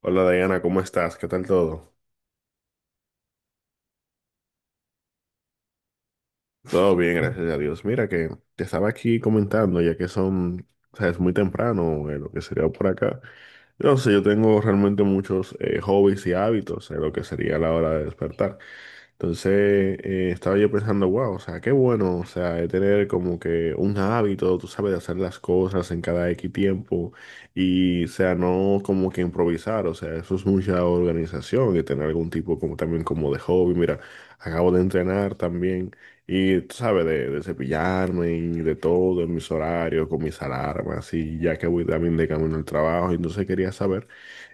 Hola Diana, ¿cómo estás? ¿Qué tal todo? Todo bien, gracias a Dios. Mira que te estaba aquí comentando, ya que son, o sea, es muy temprano, lo que sería por acá. Entonces, yo tengo realmente muchos hobbies y hábitos, en lo que sería la hora de despertar. Entonces, estaba yo pensando, wow, o sea, qué bueno, o sea, de tener como que un hábito, tú sabes, de hacer las cosas en cada X tiempo y, o sea, no como que improvisar, o sea, eso es mucha organización y tener algún tipo como también como de hobby. Mira, acabo de entrenar también y tú sabes, de cepillarme y de todo, en mis horarios, con mis alarmas, y ya que voy también de camino al trabajo. Entonces quería saber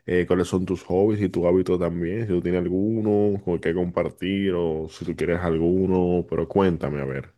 cuáles son tus hobbies y tus hábitos también, si tú tienes alguno con que compartir o si tú quieres alguno, pero cuéntame, a ver.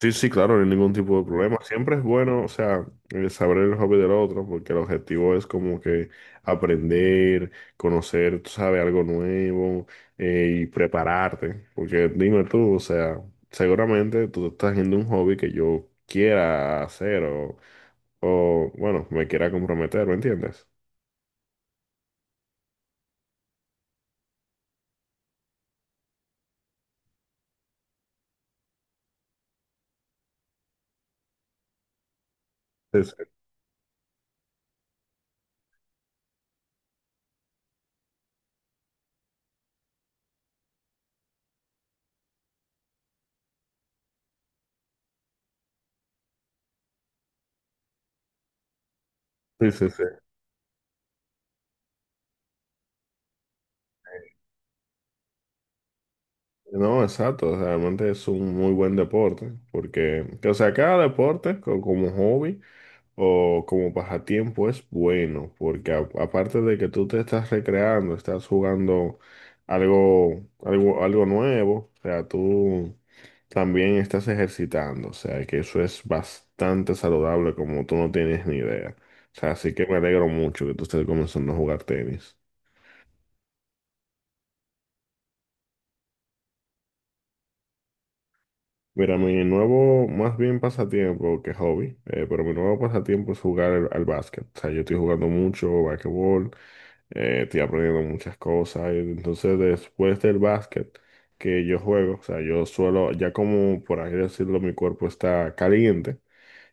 Sí, sí, claro, no hay ningún tipo de problema. Siempre es bueno, o sea, saber el hobby del otro, porque el objetivo es como que aprender, conocer, tú sabes, algo nuevo y prepararte. Porque dime tú, o sea, seguramente tú estás haciendo un hobby que yo quiera hacer o bueno, me quiera comprometer, ¿me entiendes? Sí, sí, sí, sí, sí. No, exacto, o sea, realmente es un muy buen deporte, porque, o sea, cada deporte como hobby. O como pasatiempo es bueno, porque aparte de que tú te estás recreando, estás jugando algo nuevo, o sea, tú también estás ejercitando, o sea, que eso es bastante saludable como tú no tienes ni idea. O sea, así que me alegro mucho que tú estés comenzando a jugar tenis. Mira, mi nuevo, más bien pasatiempo que hobby, pero mi nuevo pasatiempo es jugar al básquet. O sea, yo estoy jugando mucho basquetbol estoy aprendiendo muchas cosas. Entonces, después del básquet que yo juego, o sea, yo suelo, ya como por así decirlo, mi cuerpo está caliente,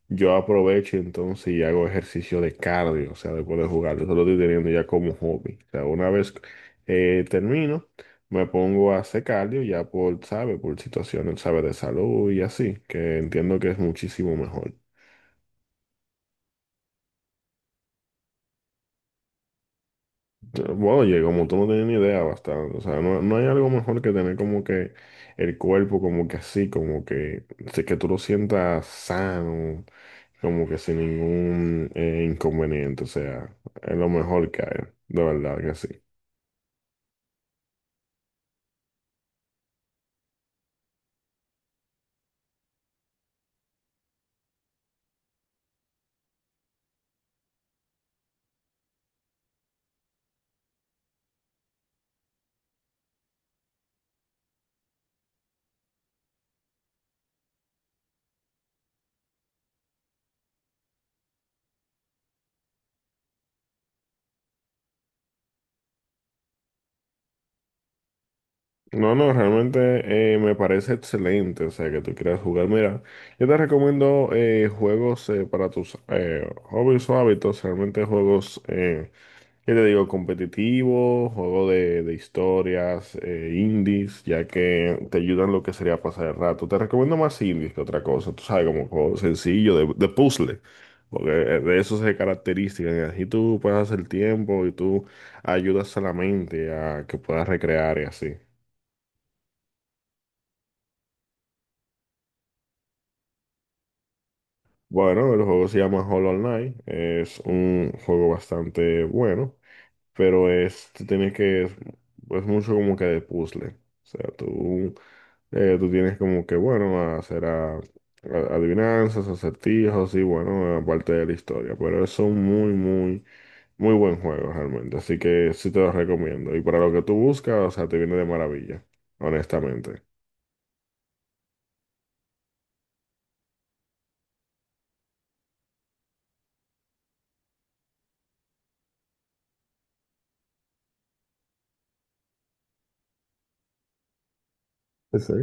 yo aprovecho entonces y hago ejercicio de cardio, o sea, después de jugar, eso lo estoy teniendo ya como hobby. O sea, una vez termino, me pongo a hacer cardio ya por, sabe, por situaciones, sabe, de salud y así, que entiendo que es muchísimo mejor. Bueno, oye, como tú no tienes ni idea, bastante. O sea, no, no hay algo mejor que tener como que el cuerpo como que así, como que, sí, que tú lo sientas sano, como que sin ningún inconveniente. O sea, es lo mejor que hay, de verdad que sí. No, no, realmente me parece excelente, o sea, que tú quieras jugar. Mira, yo te recomiendo juegos para tus hobbies o hábitos, realmente juegos. ¿Qué te digo? Competitivo, juego de historias, indies, ya que te ayudan lo que sería a pasar el rato. Te recomiendo más indies que otra cosa, tú sabes, como juego sencillo de puzzle, porque de eso se caracterizan. Y así tú pasas el tiempo y tú ayudas a la mente a que puedas recrear y así. Bueno, el juego se llama Hollow Knight, es un juego bastante bueno, pero es, tú tienes que, es mucho como que de puzzle. O sea, tú tienes como que, bueno, hacer adivinanzas, acertijos y, bueno, aparte de la historia. Pero es un muy, muy, muy buen juego realmente. Así que sí te lo recomiendo. Y para lo que tú buscas, o sea, te viene de maravilla, honestamente. Pues sí.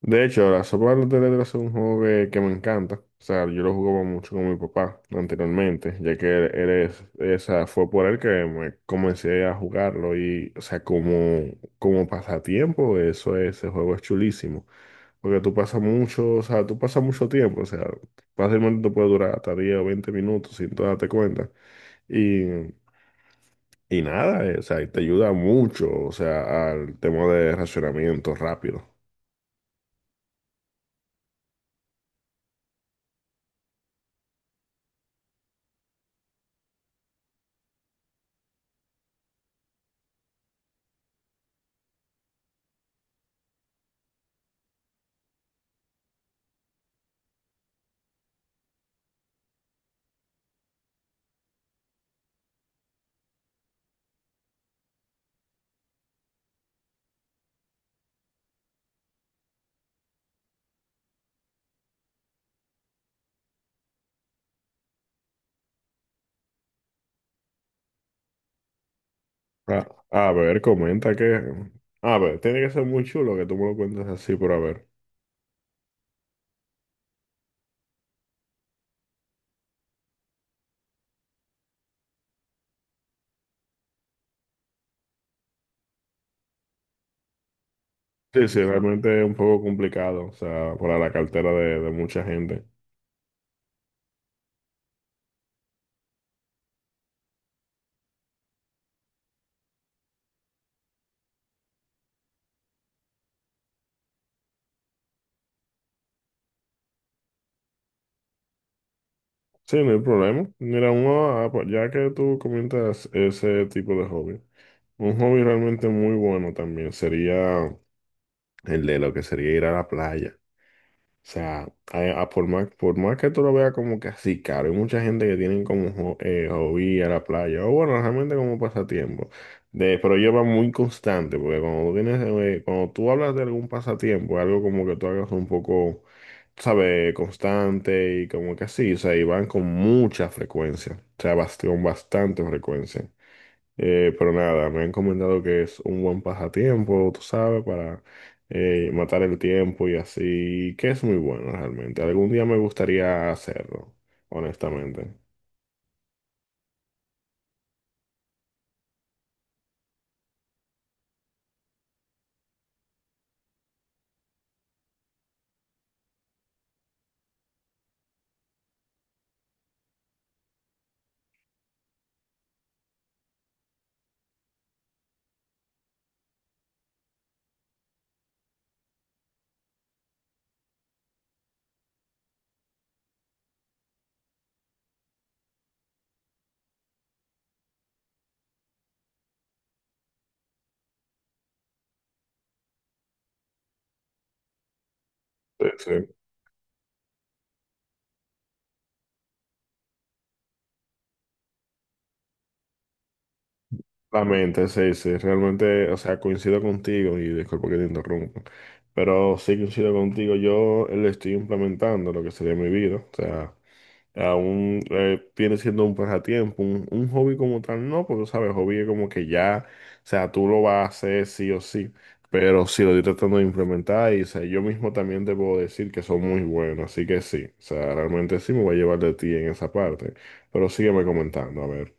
De hecho, la sopa de letras es un juego que me encanta. O sea, yo lo jugaba mucho con mi papá anteriormente, ya que él es, esa fue por él que me comencé a jugarlo y, o sea, como, como pasatiempo, eso ese juego es chulísimo. Porque tú pasas mucho, o sea, tú pasas mucho tiempo, o sea, fácilmente te puede durar hasta 10 o 20 minutos sin tú darte cuenta. Y, y nada, o sea, y te ayuda mucho, o sea, al tema de racionamiento rápido. A ver, comenta que... A ver, tiene que ser muy chulo que tú me lo cuentes así, pero a ver. Sí, sí, realmente es un poco complicado, o sea, para la cartera de mucha gente. Sí, no hay problema. Mira, uno, ah, pues, ya que tú comentas ese tipo de hobby. Un hobby realmente muy bueno también sería el de lo que sería ir a la playa. O sea, a por más que tú lo veas como que así caro, hay mucha gente que tienen como hobby ir a la playa, o bueno, realmente como pasatiempo. Pero lleva muy constante, porque cuando tú hablas de algún pasatiempo, algo como que tú hagas un poco, ¿sabes? Constante y como que así, o sea, y van con mucha frecuencia, o sea, con bastante frecuencia. Pero nada, me han comentado que es un buen pasatiempo, tú sabes, para matar el tiempo y así, que es muy bueno realmente. Algún día me gustaría hacerlo, honestamente. Sí, sí. La mente, sí, sí, realmente, o sea, coincido contigo y disculpa que te interrumpa, pero sí coincido contigo, yo lo estoy implementando lo que sería mi vida, o sea. Aún viene siendo un pasatiempo, un hobby como tal, no, porque sabes, hobby es como que ya, o sea, tú lo vas a hacer sí o sí, pero sí lo estoy tratando de implementar y, o sea, yo mismo también te puedo decir que son muy buenos, así que sí, o sea, realmente sí me voy a llevar de ti en esa parte, pero sígueme comentando, a ver.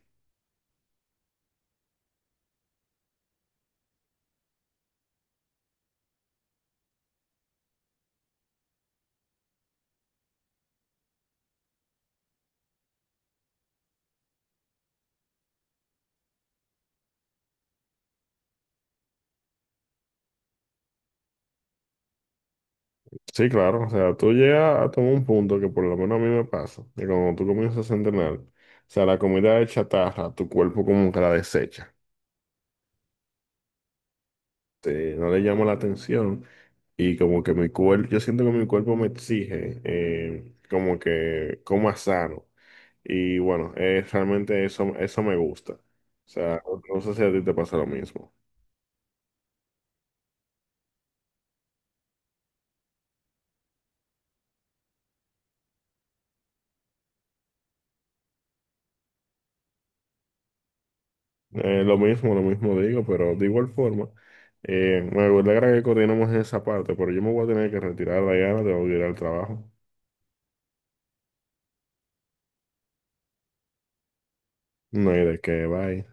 Sí, claro, o sea, tú llegas a tomar un punto que por lo menos a mí me pasa, que cuando tú comienzas a entrenar, o sea, la comida de chatarra, tu cuerpo como que la desecha, te, no le llama la atención. Y como que mi cuerpo, yo siento que mi cuerpo me exige como que coma sano. Y bueno, realmente eso me gusta. O sea, no sé si a ti te pasa lo mismo. Lo mismo, lo mismo digo, pero de igual forma, me alegra que coordinamos en esa parte, pero yo me voy a tener que retirar, Diana, tengo que ir al trabajo. No hay de qué, bye.